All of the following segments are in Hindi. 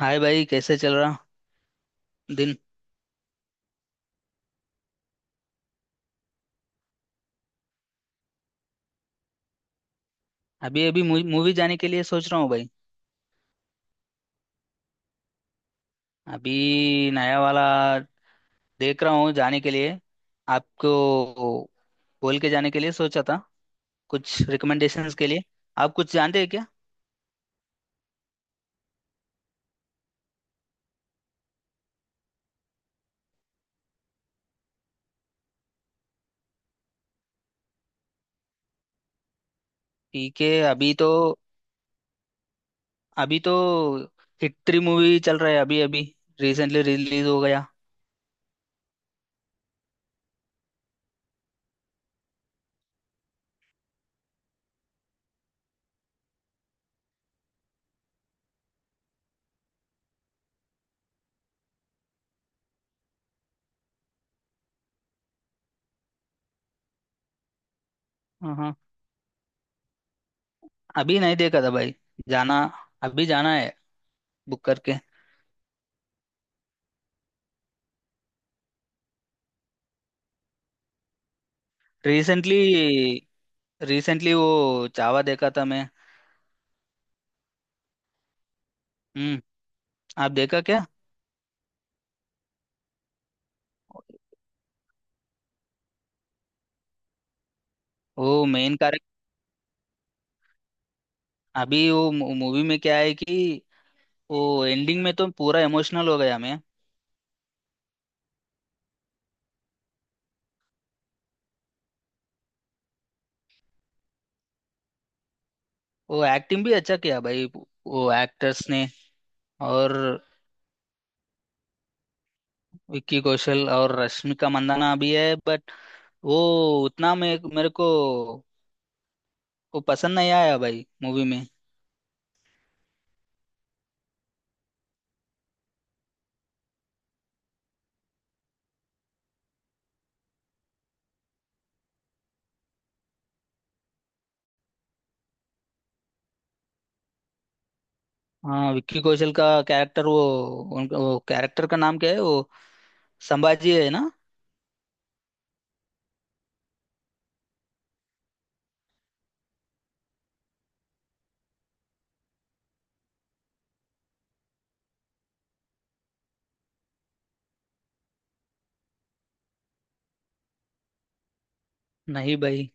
हाय भाई, कैसे चल रहा दिन। अभी अभी मूवी जाने के लिए सोच रहा हूँ भाई। अभी नया वाला देख रहा हूँ जाने के लिए। आपको बोल के जाने के लिए सोचा था, कुछ रिकमेंडेशंस के लिए। आप कुछ जानते हैं क्या? ठीक है। अभी तो हिट थ्री मूवी चल रहा है अभी अभी। रिसेंटली रिलीज हो गया। हाँ, हाँ। अभी नहीं देखा था भाई जाना। अभी जाना है, बुक करके। रिसेंटली रिसेंटली वो चावा देखा था मैं। हम्म। आप देखा क्या? वो मेन कारक। अभी वो मूवी में क्या है कि वो एंडिंग में तो पूरा इमोशनल हो गया मैं। वो एक्टिंग भी अच्छा किया भाई वो एक्टर्स ने। और विक्की कौशल और रश्मिका मंदाना भी है, बट वो उतना मे मेरे को वो पसंद नहीं आया भाई मूवी में। हाँ, विक्की कौशल का कैरेक्टर वो, उनका वो कैरेक्टर का नाम क्या है वो, संभाजी है ना। नहीं भाई।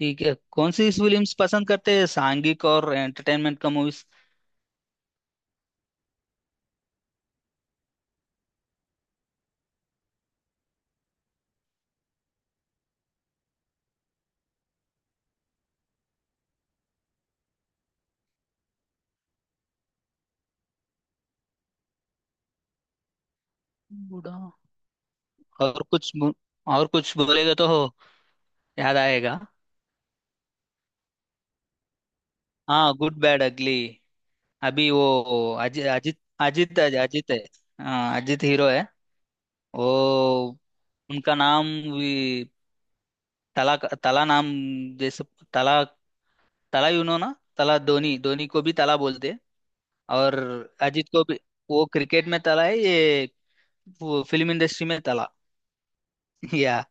ठीक है। कौन सी फिल्म्स पसंद करते हैं सांघिक और एंटरटेनमेंट का मूवीज? बूढ़ा। और कुछ बो- और कुछ बोलेगा तो हो याद आएगा। हाँ, गुड बैड अगली। अभी वो अजित अजित है- अजित है। हाँ, अजित हीरो है। वो उनका नाम भी तला। तला नाम, जैसे तला, तला यू नो ना। तला धोनी, धोनी को भी तला बोलते हैं। और अजित को भी। वो क्रिकेट में तला है, ये वो फिल्म इंडस्ट्री में तला। या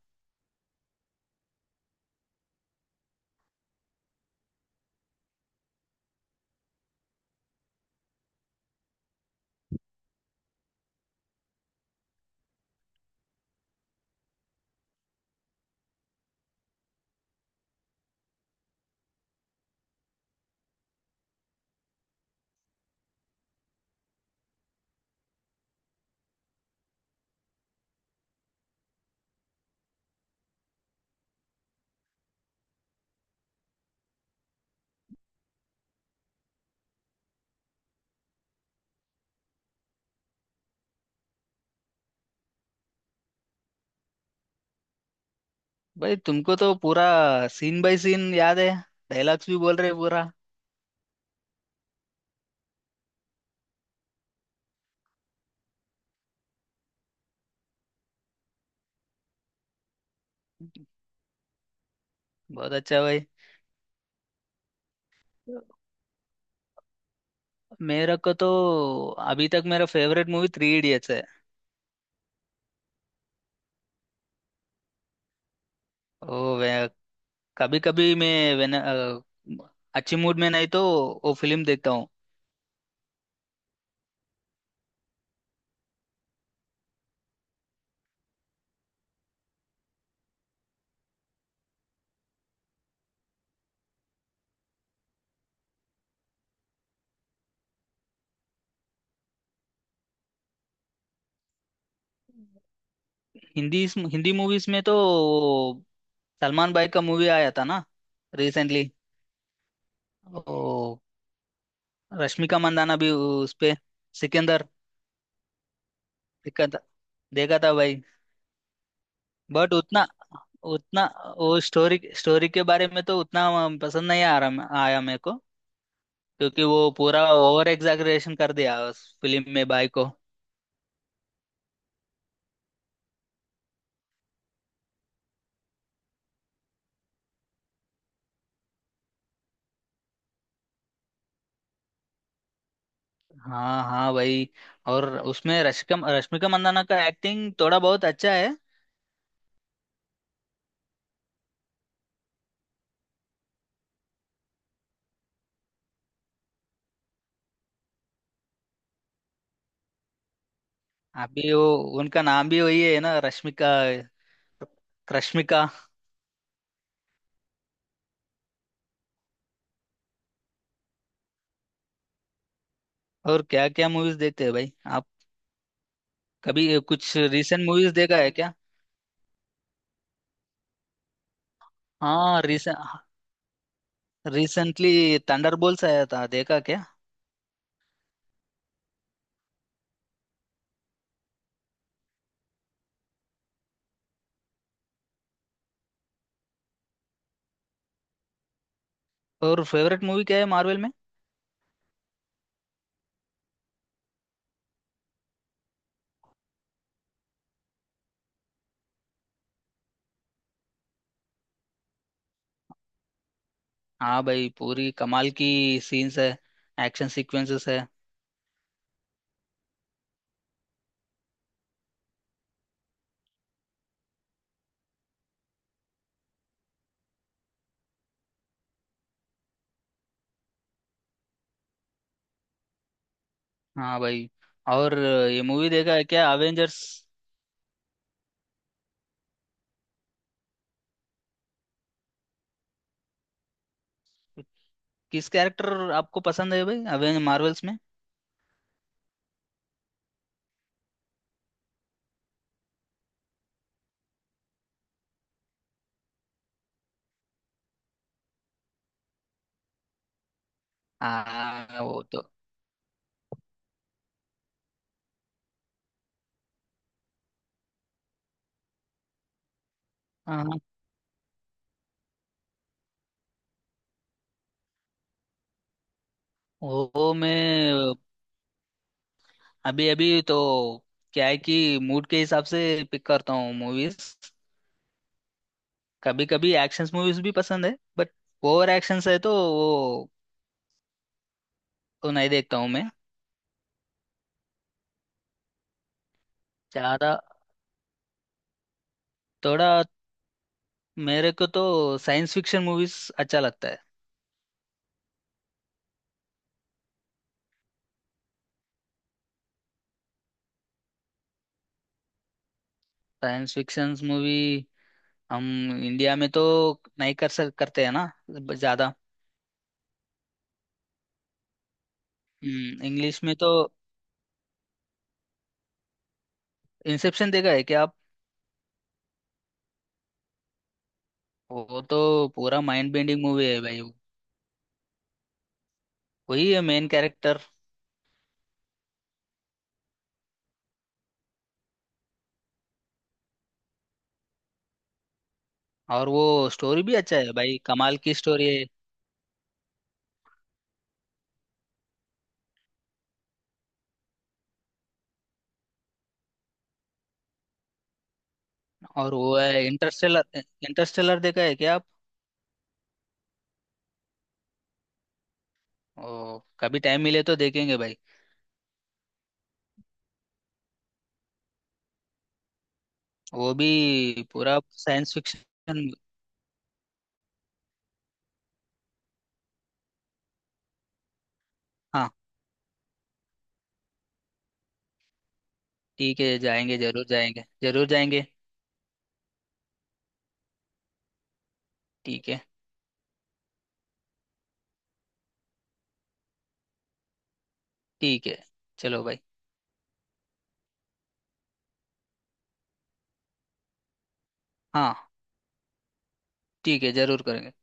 भाई, तुमको तो पूरा सीन बाय सीन याद है, डायलॉग्स भी बोल रहे पूरा। बहुत अच्छा भाई। मेरा को तो अभी तक मेरा फेवरेट मूवी थ्री इडियट्स है। ओ वे, कभी कभी मैं वेन अच्छी मूड में नहीं तो वो फिल्म देखता हूँ। हिंदी, हिंदी मूवीज में तो वो सलमान भाई का मूवी आया था ना, रिसेंटली। ओ, रश्मिका मंदाना भी उस पे। सिकंदर देखा था, देखा था भाई। बट उतना उतना वो स्टोरी स्टोरी के बारे में तो उतना पसंद नहीं आ रहा आया मेरे को। क्योंकि वो पूरा ओवर एग्जैगरेशन कर दिया उस फिल्म में बाई को। हाँ, हाँ भाई। और उसमें रश्मिका रश्मिका मंदाना का एक्टिंग थोड़ा बहुत अच्छा है। अभी वो उनका नाम भी वही है ना, रश्मिका रश्मिका। और क्या क्या मूवीज देखते हैं भाई आप? कभी कुछ रीसेंट मूवीज देखा है क्या? हाँ, रिसेंट। रिसेंटली थंडरबोल्ट्स आया था, देखा क्या? और फेवरेट मूवी क्या है मार्वल में? हाँ भाई, पूरी कमाल की सीन्स है, एक्शन सीक्वेंसेस है। हाँ भाई। और ये मूवी देखा है क्या, अवेंजर्स? किस कैरेक्टर आपको पसंद है भाई अवेंज मार्वल्स में? हाँ, वो तो। हाँ, वो मैं, अभी अभी तो क्या है कि मूड के हिसाब से पिक करता हूँ मूवीज। कभी कभी एक्शन मूवीज भी पसंद है, बट ओवर एक्शन है तो वो तो नहीं देखता हूँ मैं ज्यादा। थोड़ा, मेरे को तो साइंस फिक्शन मूवीज अच्छा लगता है। साइंस फिक्शन मूवी, हम इंडिया में तो नहीं कर सक करते हैं ना ज्यादा। इंग्लिश में तो इंसेप्शन देखा है क्या आप? वो तो पूरा माइंड बेंडिंग मूवी है भाई वो। वही है मेन कैरेक्टर। और वो स्टोरी भी अच्छा है भाई, कमाल की स्टोरी है। और वो है इंटरस्टेलर, इंटरस्टेलर देखा है क्या आप? ओ, कभी टाइम मिले तो देखेंगे भाई। वो भी पूरा साइंस फिक्शन। हाँ, ठीक है। जाएंगे, जरूर जाएंगे, जरूर जाएंगे। ठीक है, ठीक है। चलो भाई। हाँ ठीक है, जरूर करेंगे।